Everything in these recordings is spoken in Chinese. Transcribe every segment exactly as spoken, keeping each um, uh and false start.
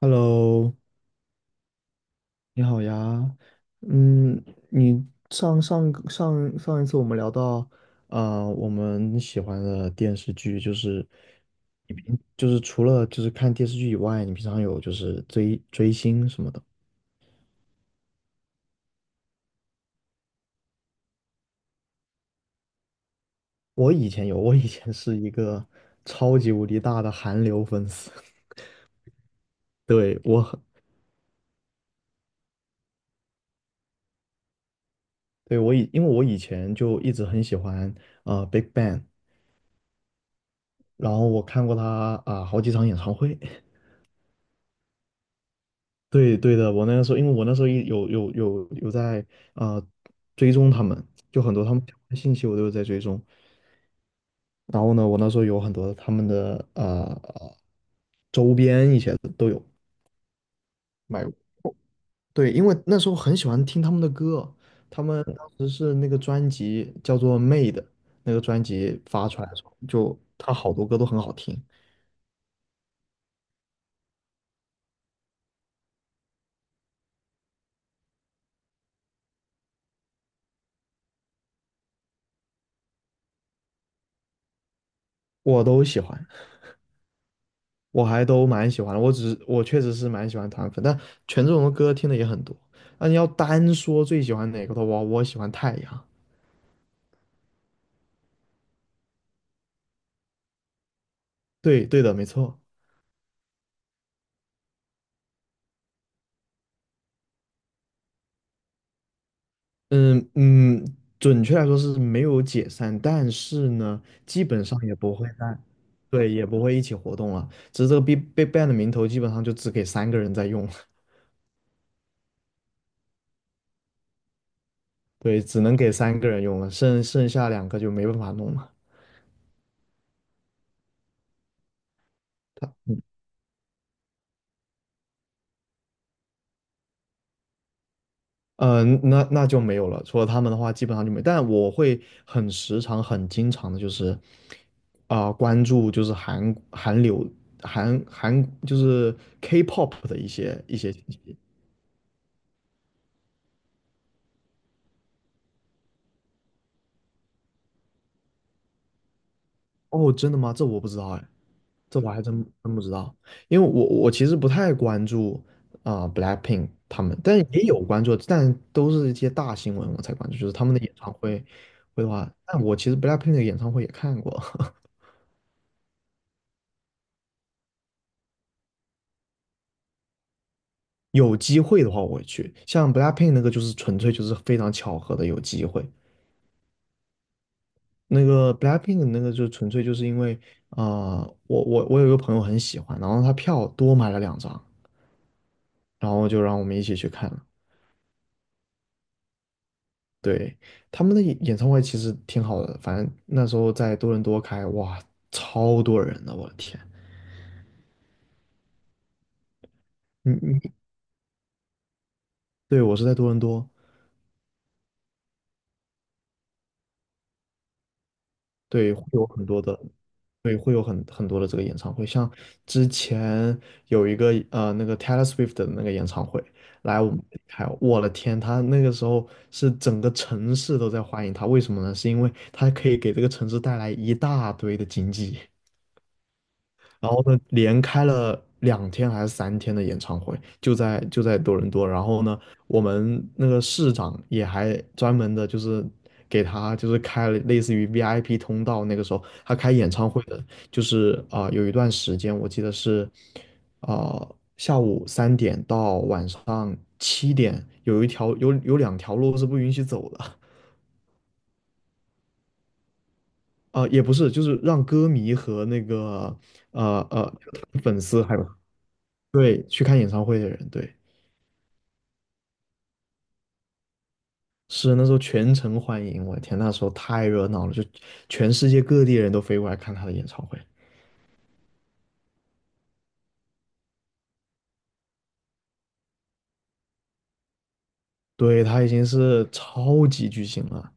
Hello，你好呀。嗯，你上上个上上一次我们聊到，啊、我们喜欢的电视剧就是，你平就是除了就是看电视剧以外，你平常有就是追追星什么的。我以前有，我以前是一个超级无敌大的韩流粉丝。对，我很，对，我以，因为我以前就一直很喜欢啊 Big Bang，然后我看过他啊、好几场演唱会。对对的，我那个时候，因为我那时候一有有有有在啊、呃追踪他们，就很多他们相关的信息我都有在追踪。然后呢，我那时候有很多他们的呃周边一些的都有买过。对，因为那时候很喜欢听他们的歌，他们当时是那个专辑叫做《Made》，那个专辑发出来的时候，就他好多歌都很好听，我都喜欢。我还都蛮喜欢的，我只是我确实是蛮喜欢团粉，但权志龙的歌听的也很多。那你要单说最喜欢哪个的话，我喜欢太阳。对对的，没错。嗯嗯，准确来说是没有解散，但是呢，基本上也不会在，对，也不会一起活动了。只是这个 b i Big Bang 的名头基本上就只给三个人在用了，对，只能给三个人用了，剩剩下两个就没办法弄了。嗯，那那就没有了。除了他们的话，基本上就没。但我会很时常、很经常的，就是啊、关注就是韩韩流、韩韩就是 K-pop 的一些一些信息。哦，真的吗？这我不知道哎，这我还真真不知道。因为我我其实不太关注啊、Blackpink 他们，但也有关注，但都是一些大新闻我才关注，就是他们的演唱会会的话，但我其实 Blackpink 的演唱会也看过。有机会的话我会去，像 BLACKPINK 那个就是纯粹就是非常巧合的有机会，那个 BLACKPINK 那个就纯粹就是因为啊、呃我我我有一个朋友很喜欢，然后他票多买了两张，然后就让我们一起去看了。对，他们的演演唱会其实挺好的，反正那时候在多伦多开，哇，超多人的，我的天！嗯嗯，对我是在多伦多，对，会有很多的，对，会有很很多的这个演唱会，像之前有一个呃那个 Taylor Swift 的那个演唱会来我们这里开我的天，他那个时候是整个城市都在欢迎他，为什么呢？是因为他可以给这个城市带来一大堆的经济。然后呢，连开了两天还是三天的演唱会，就在就在多伦多。然后呢，我们那个市长也还专门的，就是给他就是开了类似于 V I P 通道。那个时候他开演唱会的，就是啊、有一段时间我记得是啊、下午三点到晚上七点，有一条有有两条路是不允许走的。啊、也不是，就是让歌迷和那个呃呃粉丝还有对，去看演唱会的人，对，是那时候全城欢迎，我的天，那时候太热闹了，就全世界各地人都飞过来看他的演唱会。对，他已经是超级巨星了。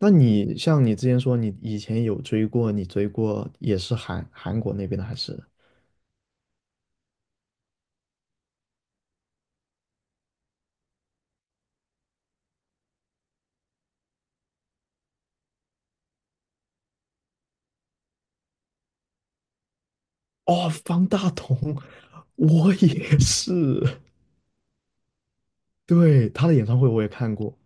那你像你之前说，你以前有追过，你追过也是韩韩国那边的，还是？哦，方大同，我也是。对，他的演唱会我也看过，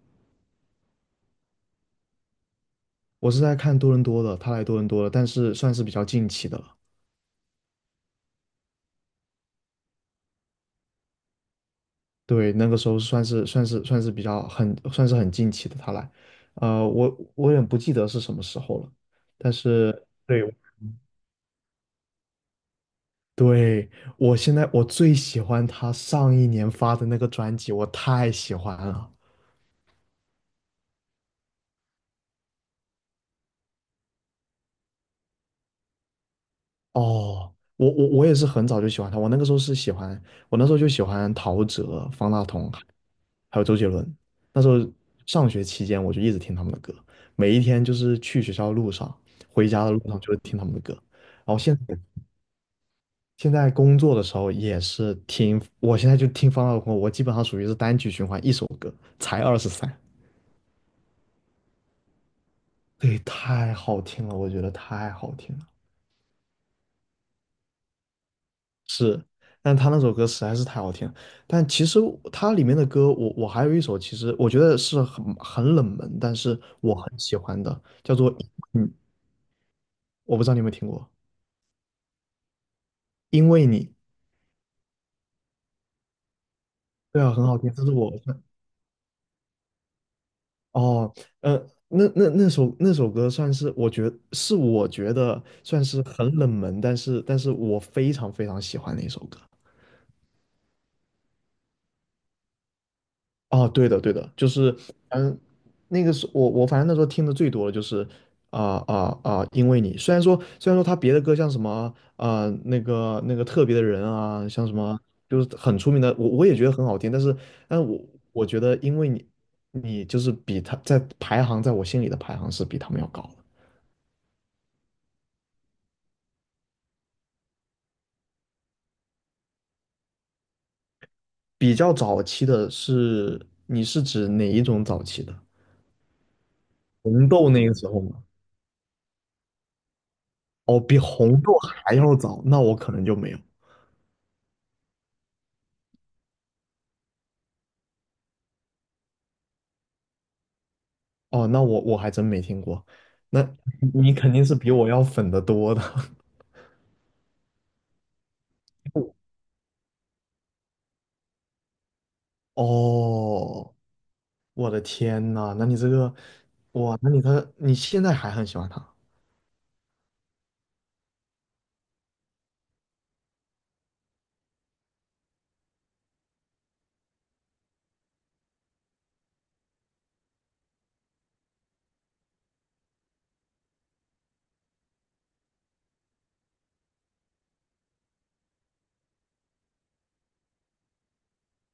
我是在看多伦多的，他来多伦多了，但是算是比较近期的了。对，那个时候算是算是算是比较很算是很近期的他来，呃，我我有点不记得是什么时候了，但是 对对，我现在我最喜欢他上一年发的那个专辑，我太喜欢了。哦，我我我也是很早就喜欢他，我那个时候是喜欢，我那时候就喜欢陶喆、方大同，还有周杰伦。那时候上学期间我就一直听他们的歌，每一天就是去学校的路上，回家的路上就会听他们的歌。然后现在。现在工作的时候也是听，我现在就听方大同，我基本上属于是单曲循环一首歌，才二十三，对，太好听了，我觉得太好听了。是，但他那首歌实在是太好听了。但其实它里面的歌，我我还有一首，其实我觉得是很很冷门，但是我很喜欢的，叫做嗯，我不知道你有没有听过，因为你，对啊，很好听，这是我。哦，呃，那那那首那首歌算是我觉是我觉得算是很冷门，但是但是我非常非常喜欢的一首歌。哦，对的对的，就是嗯，那个是我我反正那时候听的最多的就是啊啊啊，因为你虽然说虽然说他别的歌像什么啊、呃那个那个特别的人啊，像什么就是很出名的，我我也觉得很好听，但是但我我觉得因为你你就是比他在排行在我心里的排行是比他们要高的。比较早期的是，你是指哪一种早期的？红豆那个时候吗？哦，比红豆还要早，那我可能就没有。哦，那我我还真没听过。那你肯定是比我要粉的多的。哦，我的天呐，那你这个，哇，那你他你现在还很喜欢他？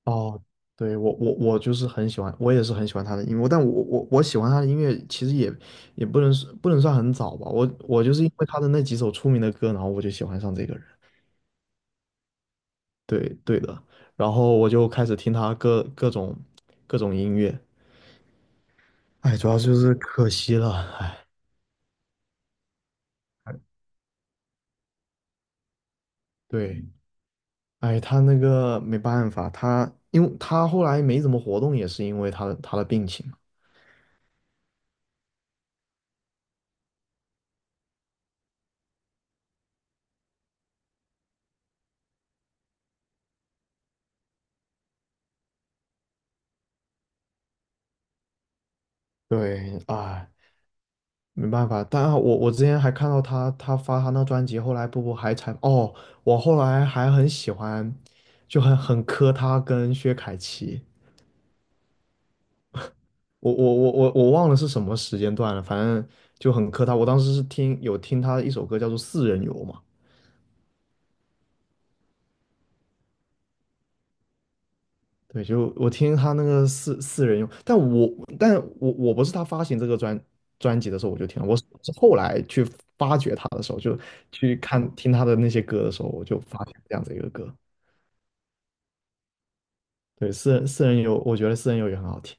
哦，对，我我我就是很喜欢，我也是很喜欢他的音乐，但我我我喜欢他的音乐其实也也不能不能算很早吧，我我就是因为他的那几首出名的歌，然后我就喜欢上这个人，对对的，然后我就开始听他各各种各种音乐，哎，主要就是可惜了，哎，对，哎，他那个没办法，他因为他后来没怎么活动，也是因为他的他的病情，对，哎。没办法，但我我之前还看到他，他发他那专辑，后来不不还才哦，我后来还很喜欢，就很很磕他跟薛凯琪，我我我我我忘了是什么时间段了，反正就很磕他。我当时是听有听他一首歌叫做《四人游》嘛，对，就我听他那个四四人游，但我但我我不是他发行这个专专辑的时候我就听了，我是是后来去发掘他的时候，就去看听他的那些歌的时候，我就发现这样子一个歌。对，私人私人游，我觉得私人游也很好听。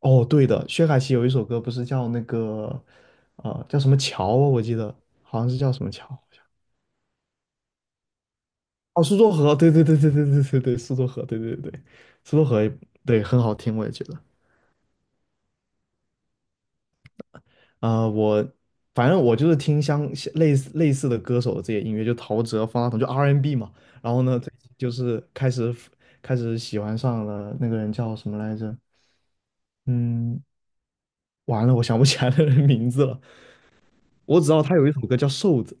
哦，对的，薛凯琪有一首歌不是叫那个，呃，叫什么桥啊？我记得好像是叫什么桥，好像哦，苏州河，对对对对对对对对，苏州河，对对对对，苏州河也，对，很好听，我也觉得。啊、我反正我就是听相像类似类似的歌手的这些音乐，就陶喆、方大同，就 R and B n 嘛。然后呢，最近就是开始开始喜欢上了那个人叫什么来着？嗯，完了，我想不起来那个人名字了。我只知道他有一首歌叫《瘦子》，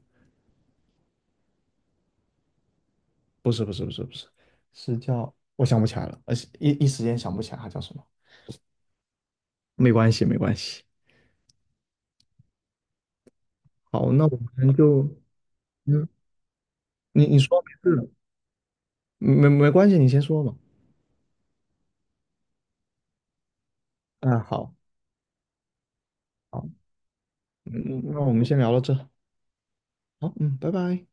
不是不是不是不是，是叫我想不起来了，而且一一时间想不起来他叫什么。没关系没关系，好，那我们就嗯，你你说没事的没没关系，你先说嘛。啊，好好，嗯，那我们先聊到这。好，嗯，拜拜。